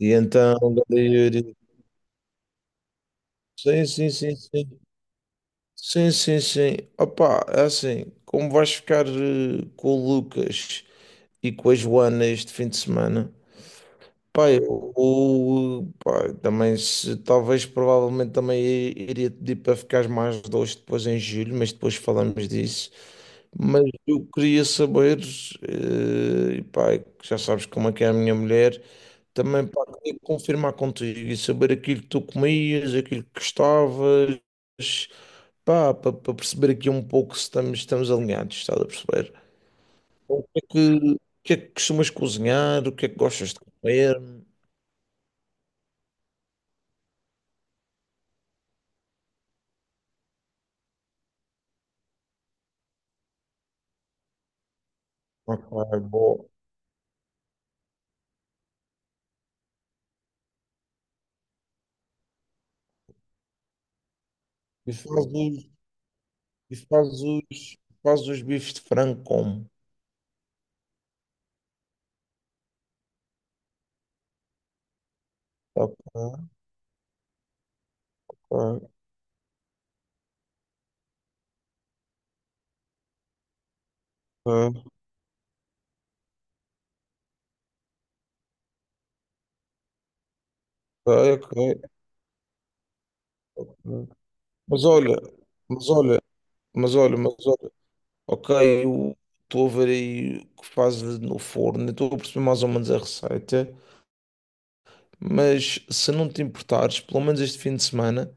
E então, ganda Yuri, sim, sim, sim, sim, sim, sim, sim, opa, é assim, como vais ficar com o Lucas e com a Joana este fim de semana? Pá, também, se, talvez, provavelmente também iria te pedir para ficares mais dois depois em julho, mas depois falamos disso. Mas eu queria saber, eh, e pá, já sabes como é que é a minha mulher, também pá, queria confirmar contigo e saber aquilo que tu comias, aquilo que gostavas, pá, para perceber aqui um pouco se estamos alinhados, estás a perceber? O que é que, o que é que costumas cozinhar, o que é que gostas de comer? Ok, boa. E fazes, e fazes, fazes os bifes de frango como? Ok, ok, ok, ok, ok. Mas olha, mas olha, mas olha, mas olha, ok, eu estou a ver aí o que fazes no forno, estou a perceber mais ou menos a receita, mas se não te importares, pelo menos este fim de semana,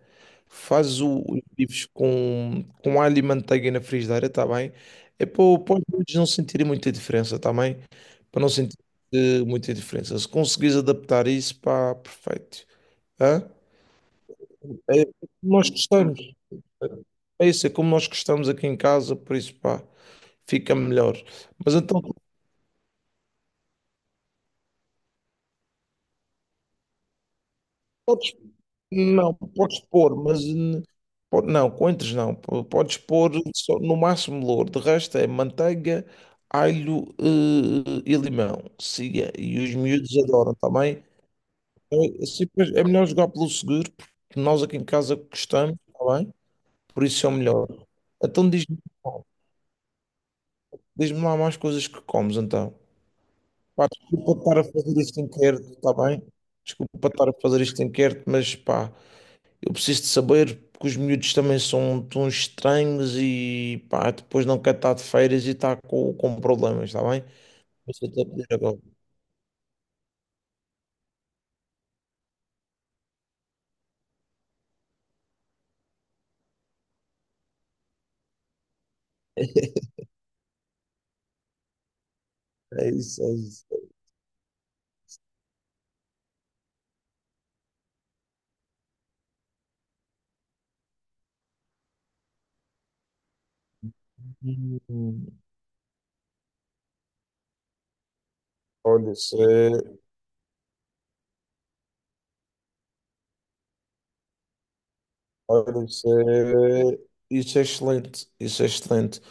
faz os bifes com alho e manteiga na frigideira, está bem? É para, para os miúdos não sentirem muita diferença, está bem? Para não sentir muita diferença. Se conseguires adaptar isso, pá, perfeito. Hã? É como nós gostamos. É isso, é como nós gostamos aqui em casa, por isso, pá, fica melhor. Mas então tu podes, não, podes pôr, mas não, coentros não. Podes pôr só, no máximo louro, de resto é manteiga, alho e limão. Siga, e os miúdos adoram também. É, assim, pois, é melhor jogar pelo seguro, porque nós aqui em casa gostamos, está bem? Por isso é o melhor. Então diz-me lá mais coisas que comes, então. Pá, desculpa estar a fazer isto em quer, está bem? Desculpa estar a fazer isto em quer, mas pá. Eu preciso de saber porque os miúdos também são tão estranhos e pá, depois não quer estar de férias e está com problemas, está bem? Mas eu estou a pedir agora. É isso, é isso. Hum, olha, isso é, olha, isso é excelente, isso é excelente.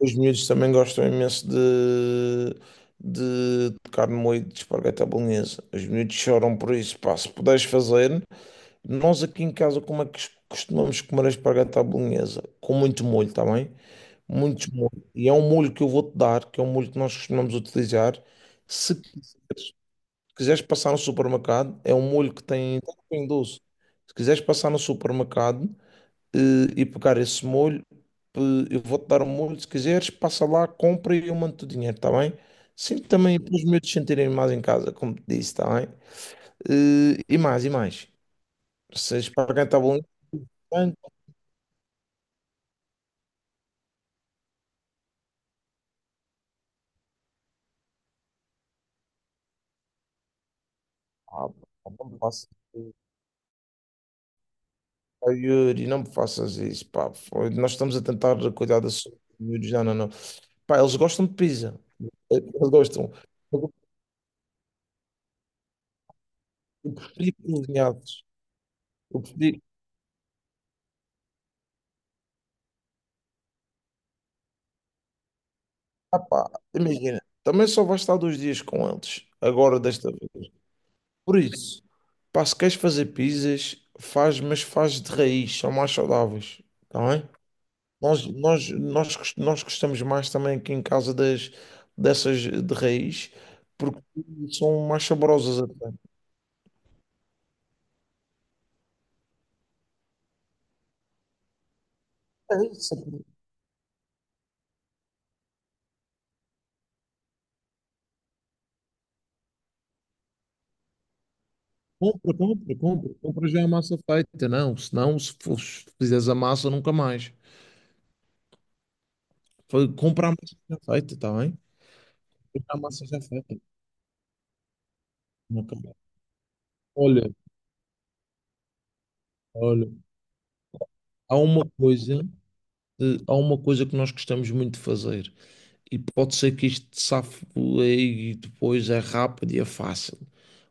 Os miúdos também gostam imenso de tocar no moído de espargueta à bolonhesa. Os miúdos choram por isso, pá, se puderes fazer. Nós aqui em casa, como é que costumamos comer a espargata à bolonhesa? Com muito molho, está bem? Muito molho. E é um molho que eu vou-te dar, que é um molho que nós costumamos utilizar. Se quiseres, quiseres passar no supermercado, é um molho que tem, tem doce. Se quiseres passar no supermercado eh, e pegar esse molho, eh, eu vou-te dar um molho. Se quiseres, passa lá, compra e eu mando-te o dinheiro, está bem? Sim, também para os meus sentirem mais em casa, como te disse, está bem? Eh, e mais, e mais. Se a espargata à bolonhesa. Ah, pá, não me faças isso, pá, Yuri, não me faças isso, pá. Foi- Nós estamos a tentar cuidar da saúde dos miúdos, não, não, não. Pá, eles gostam de pizza. Eles gostam. Eu eu preferi cozinhados. Eu preferi. Ah, pá, imagina, também só vais estar dois dias com eles, agora desta vez. Por isso, pá, se queres fazer pizzas, faz, mas faz de raiz, são mais saudáveis, está. Nós gostamos mais também aqui em casa das, dessas de raiz, porque são mais saborosas até. É isso. Compra, compra, compra. Compra já a massa feita. Não, senão, se for, se fizeres a massa, nunca mais. Foi comprar a massa já feita, está bem? Comprar a massa já feita. Nunca mais. Olha, olha, há uma coisa, há uma coisa que nós gostamos muito de fazer. E pode ser que isto safe e depois é rápido e é fácil.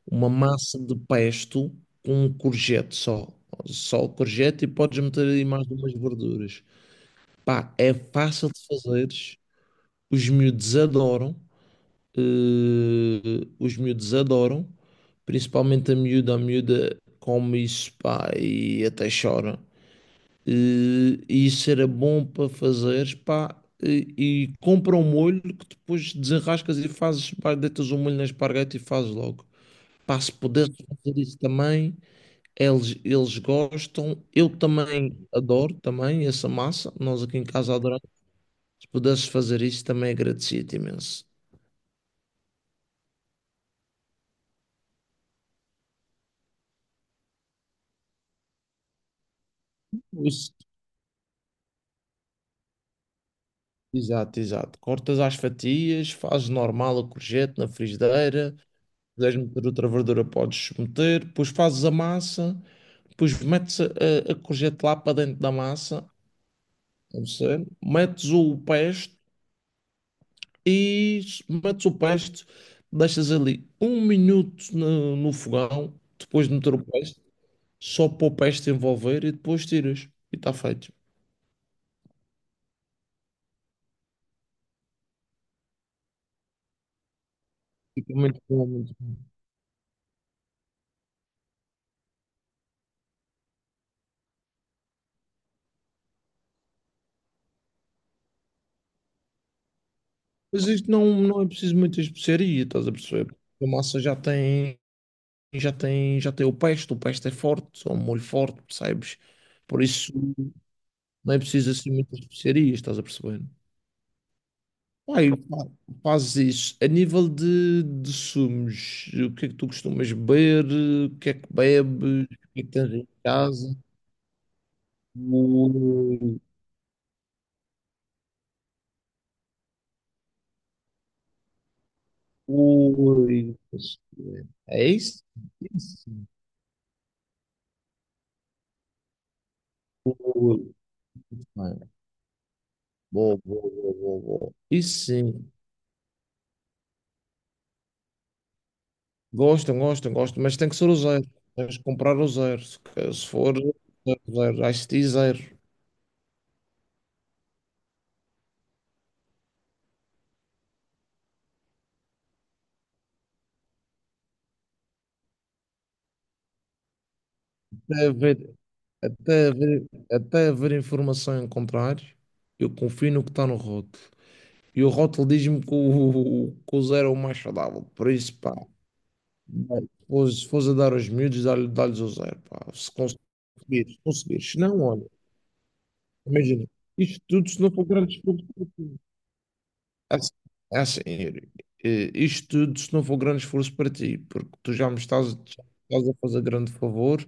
Uma massa de pesto com um courgette só. Só o courgette e podes meter aí mais umas verduras. Pá, é fácil de fazeres. Os miúdos adoram. Os miúdos adoram. Principalmente a miúda. A miúda come isso, pá, e até chora. E isso era bom para fazeres, pá. E, e compra um molho que depois desenrascas e fazes, pá, deitas o molho na esparguete e fazes logo. Pá, se pudesse fazer isso também, eles gostam, eu também adoro também essa massa. Nós aqui em casa adoramos. Se pudesses fazer isso, também agradecia-te imenso. Isso. Exato, exato. Cortas às fatias, fazes normal a courgette na frigideira. Se quiseres meter outra verdura, podes meter. Depois fazes a massa, depois metes a courgette lá para dentro da massa, não sei, metes o pesto e metes o pesto, deixas ali um minuto no fogão, depois de meter o pesto. Só para o peste envolver e depois tiras. E está feito. Fica muito bom, muito bom. Mas isto não, não é preciso muita especiaria, estás a perceber? A massa já tem, já tem o peste é forte, é um molho forte, percebes? Por isso não é preciso assim muitas especiarias, estás a perceber? Aí, fazes isso. A nível de sumos, o que é que tu costumas beber? O que é que bebes? O que é que tens em casa? Ui, é isso? Isso. Ui, mano. Boa, boa, boa, boa, boa. Isso sim. Gostam, gostam, gostam, mas tem que ser o zero. Tens que comprar o zero. Se se for zero, zero, ICT zero. Até haver, até haver, até haver informação em contrário, eu confio no que está no rótulo. E o rótulo diz-me que o zero é o mais saudável. Por isso, pá. Bem, pois, se fores a dar aos miúdos, dá-lhes o zero, pá. Se conseguires, se conseguires. Se não, olha, imagina, isto tudo se não for grande esforço para ti. É assim, é assim, Yuri, isto tudo se não for grande esforço para ti, porque tu já me estás a fazer grande favor.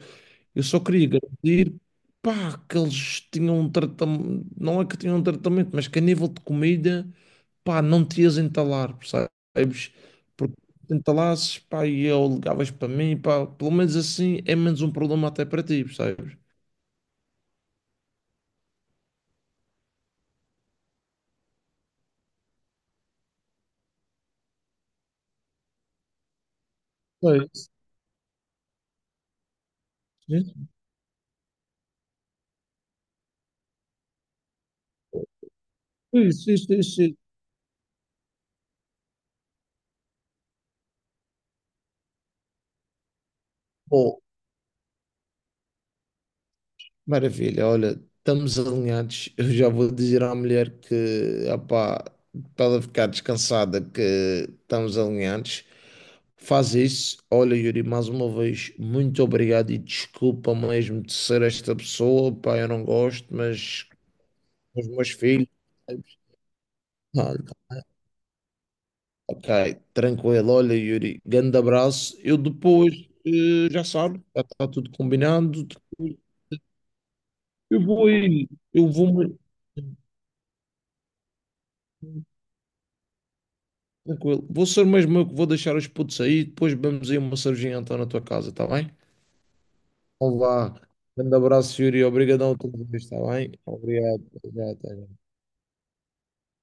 Eu só queria garantir, pá, que eles tinham um tratamento, não é que tinham um tratamento, mas que a nível de comida, pá, não te ias entalar, percebes? Porque te entalasses, pá, e eu ligavas para mim, pá, pelo menos assim é menos um problema até para ti, percebes? É isso, é isso, é isso, é isso. Maravilha, olha, estamos alinhados. Eu já vou dizer à mulher que, opá, para ela ficar descansada, que estamos alinhados. Faz isso. Olha, Yuri, mais uma vez, muito obrigado e desculpa mesmo de ser esta pessoa. Pá, eu não gosto, mas os meus filhos. Ah, ok, tranquilo. Olha, Yuri, grande abraço. Eu depois, já sabe, já está tudo combinado. Depois Eu vou aí, eu vou. Tranquilo. Vou ser mesmo eu que vou deixar os putos aí. Depois vamos aí uma cervejinha então na tua casa, tá bem? Olá. Grande abraço, Yuri. Obrigadão a todos, tá bem? Obrigado. Obrigado.